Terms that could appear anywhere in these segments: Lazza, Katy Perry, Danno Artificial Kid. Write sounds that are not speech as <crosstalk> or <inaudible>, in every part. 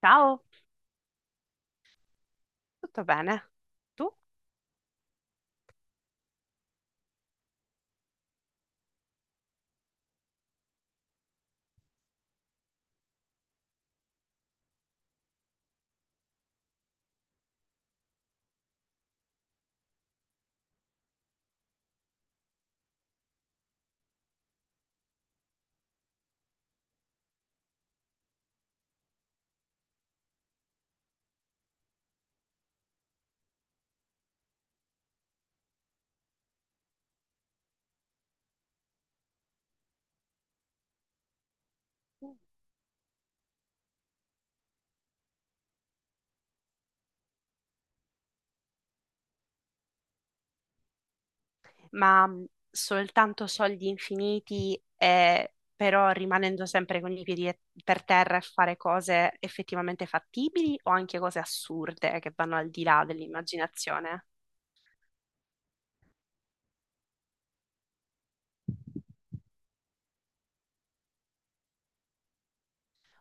Ciao, tutto bene? Tu? Ma soltanto soldi infiniti, e, però rimanendo sempre con i piedi per terra e fare cose effettivamente fattibili o anche cose assurde che vanno al di là dell'immaginazione?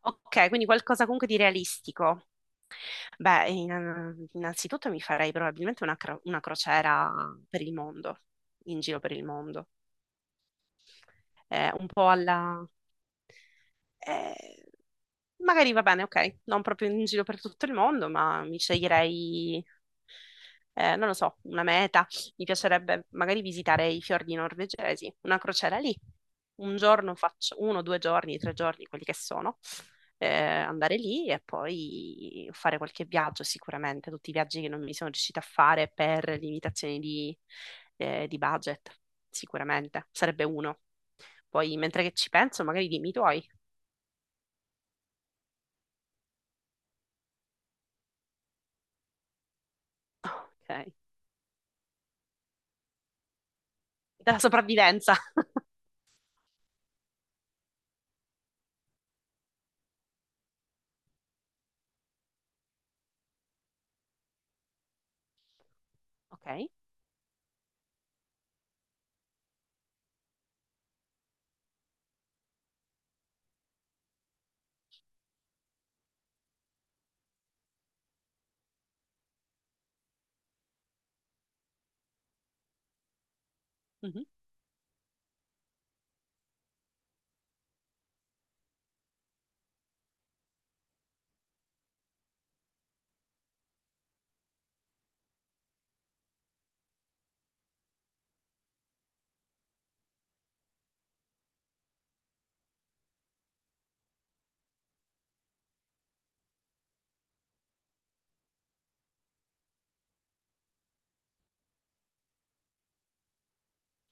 Ok, quindi qualcosa comunque di realistico. Beh, innanzitutto mi farei probabilmente una crociera per il mondo, in giro per il mondo. Un po' alla. Eh, Magari va bene, ok, non proprio in giro per tutto il mondo, ma mi sceglierei, non lo so, una meta. Mi piacerebbe magari visitare i fiordi norvegesi, una crociera lì. Un giorno faccio, uno, due giorni, tre giorni, quelli che sono, andare lì e poi fare qualche viaggio sicuramente, tutti i viaggi che non mi sono riuscita a fare per limitazioni di budget, sicuramente. Sarebbe uno. Poi, mentre che ci penso, magari dimmi i tuoi. Ok. Della sopravvivenza. <laughs> Ok. Mhm.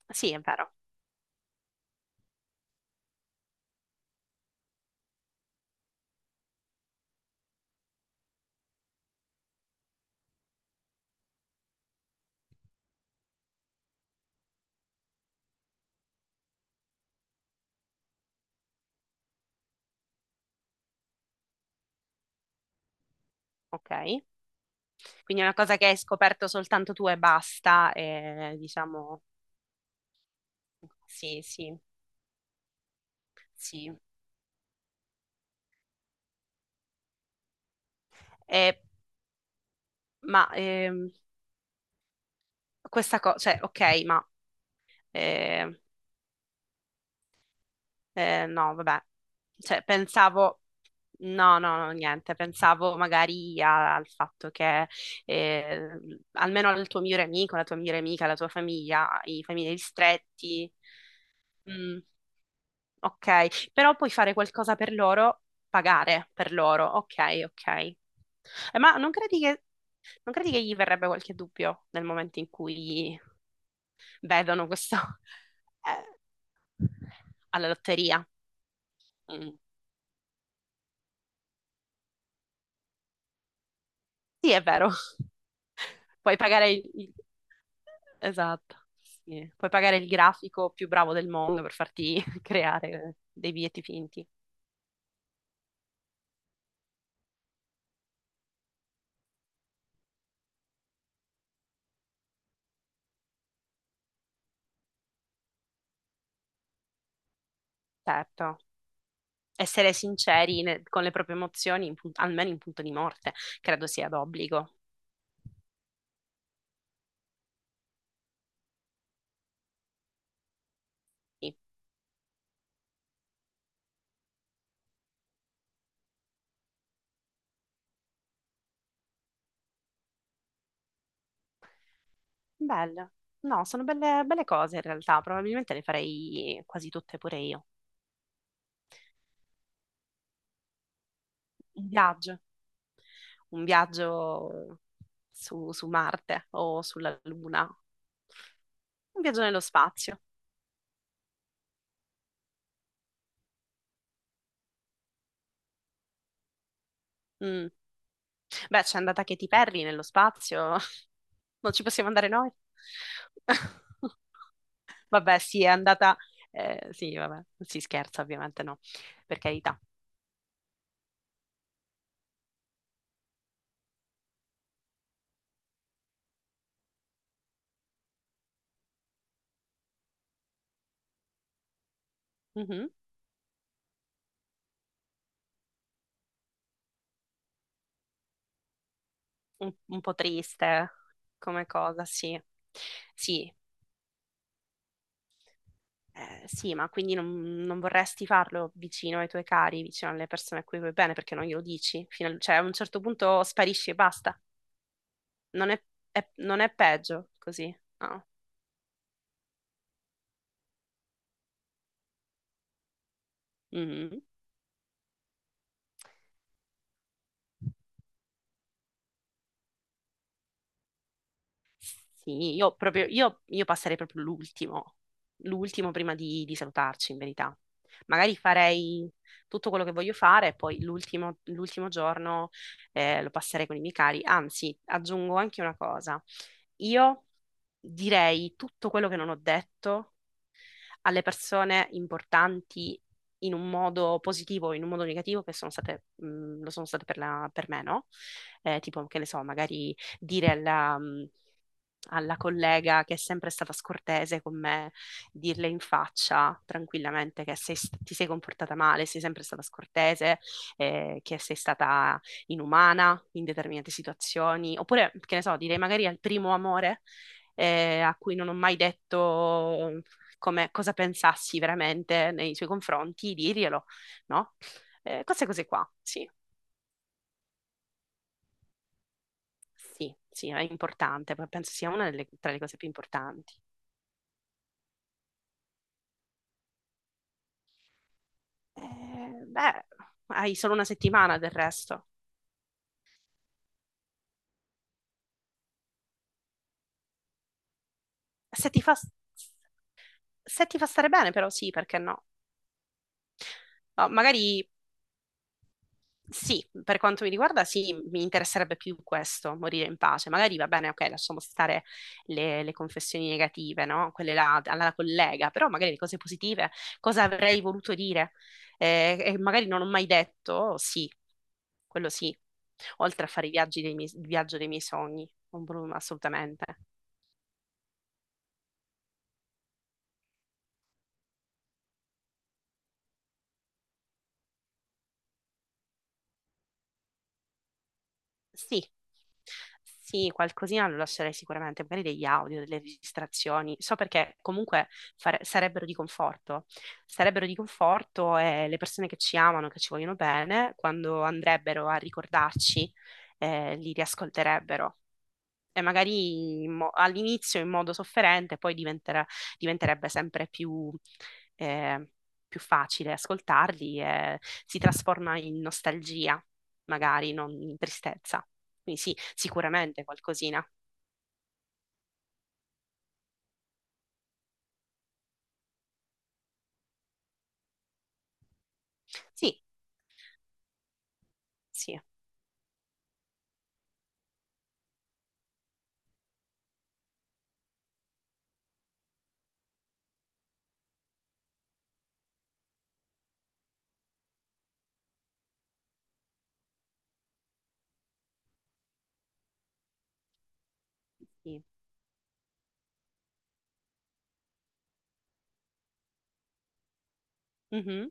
Sì, è vero. Ok. Quindi è una cosa che hai scoperto soltanto tu e basta, e, diciamo, sì, sì, sì. E- ma ehm, Questa cosa, cioè, ok, ma eh, no, vabbè, cioè, pensavo, no, no, no, niente, pensavo magari al fatto che eh, almeno il tuo migliore amico, la tua migliore amica, la tua famiglia, i familiari stretti, mm, ok, però puoi fare qualcosa per loro, pagare per loro. Ok, ok. Ma non credi che gli verrebbe qualche dubbio nel momento in cui vedono questo <laughs> eh, alla lotteria? Mm. Sì, è vero. <laughs> Puoi pagare il- Esatto. Sì. Puoi pagare il grafico più bravo del mondo per farti <laughs> creare dei biglietti finti. Certo. Essere sinceri con le proprie emozioni, almeno in punto di morte, credo sia d'obbligo. Sì. Bello. No, sono belle, belle cose in realtà, probabilmente le farei quasi tutte pure io. Un viaggio, un viaggio su Marte o sulla Luna, un viaggio nello spazio. Mm. Beh, c'è andata Katy Perry nello spazio, <laughs> non ci possiamo andare noi? <laughs> Vabbè, sì, è andata, sì, vabbè, non si scherza ovviamente, no, per carità. Mhm. Un po' triste come cosa, sì. Sì, eh, sì, ma quindi non vorresti farlo vicino ai tuoi cari, vicino alle persone a cui vuoi bene, perché non glielo dici? Cioè, a un certo punto sparisci e basta. Non è, non è peggio così. No. Mhm. Sì, io proprio, io passerei proprio l'ultimo prima di salutarci, in verità. Magari farei tutto quello che voglio fare e poi l'ultimo giorno lo passerei con i miei cari. Anzi, aggiungo anche una cosa. Io direi tutto quello che non ho detto alle persone importanti in un modo positivo o in un modo negativo che sono state, lo sono state per, per me, no? Tipo, che ne so, magari dire alla collega che è sempre stata scortese con me, dirle in faccia tranquillamente che ti sei comportata male, sei sempre stata scortese, che sei stata inumana in determinate situazioni, oppure, che ne so, direi magari al primo amore a cui non ho mai detto cosa pensassi veramente nei suoi confronti, dirglielo, no? Queste cose qua, sì, sì, sì, è importante, penso sia tra le cose più importanti. Beh, hai solo una settimana del resto. Se ti fa, se ti fa stare bene, però sì, perché no? Oh, magari sì, per quanto mi riguarda, sì, mi interesserebbe più questo, morire in pace. Magari va bene, ok, lasciamo stare le confessioni negative, no? Quelle là, alla collega, però magari le cose positive, cosa avrei voluto dire? E magari non ho mai detto, oh, sì, quello sì. Oltre a fare i viaggi dei miei, il viaggio dei miei sogni, assolutamente. Sì. Sì, qualcosina lo lascerei sicuramente, magari degli audio, delle registrazioni. So perché comunque sarebbero di conforto. Sarebbero di conforto e le persone che ci amano, che ci vogliono bene, quando andrebbero a ricordarci, li riascolterebbero e magari all'inizio in modo sofferente, poi diventerebbe sempre eh, più facile ascoltarli e si trasforma in nostalgia, magari non in tristezza. Quindi sì, sicuramente qualcosina. Sì, sì, sì. Mhm,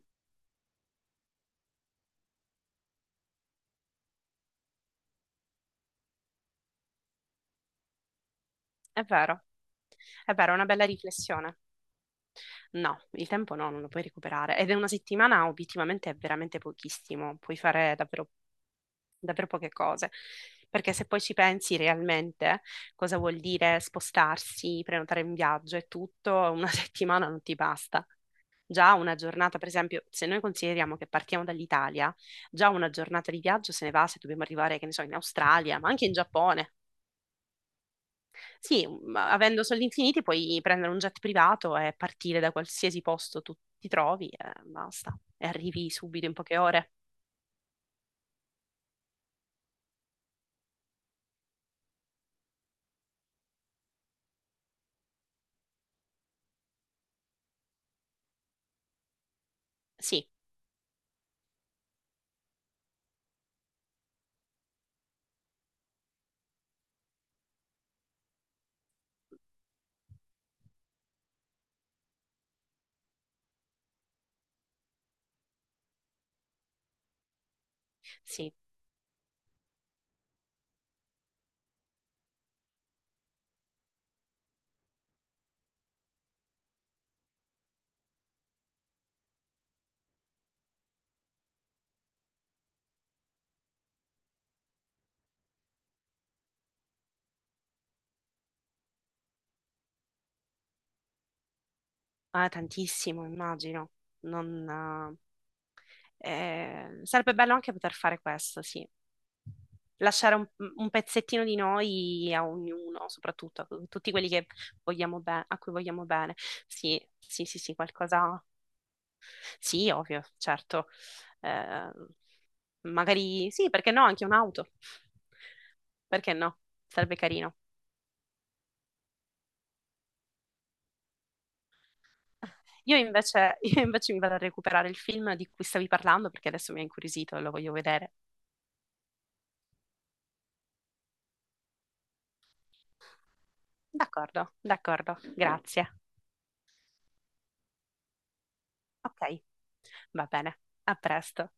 è vero, è vero, è una bella riflessione. No, il tempo no, non lo puoi recuperare. Ed è una settimana, obiettivamente, è veramente pochissimo. Puoi fare davvero, davvero poche cose. Perché se poi ci pensi realmente, cosa vuol dire spostarsi, prenotare un viaggio e tutto, una <laughs> settimana non ti basta. Già una giornata, per esempio, se noi consideriamo che partiamo dall'Italia, già una giornata di viaggio se ne va se dobbiamo arrivare, che ne so, in Australia, ma anche in Giappone. Sì, ma avendo soldi infiniti puoi prendere un jet privato e partire da qualsiasi posto tu ti trovi e basta. E arrivi subito in poche ore. Sì, sì, ah, tantissimo, immagino. Non, Sarebbe bello anche poter fare questo, sì. Lasciare un pezzettino di noi a ognuno, soprattutto a tutti quelli che a cui vogliamo bene. Sì, sì, sì, sì, qualcosa. Sì, ovvio, certo. Eh, Magari sì, perché no, anche un'auto. Perché no? Sarebbe carino. Io invece, <laughs> io invece mi vado a recuperare il film di cui stavi parlando perché adesso mi ha incuriosito e lo voglio vedere. D'accordo, d'accordo, grazie. Ok, va bene, a presto.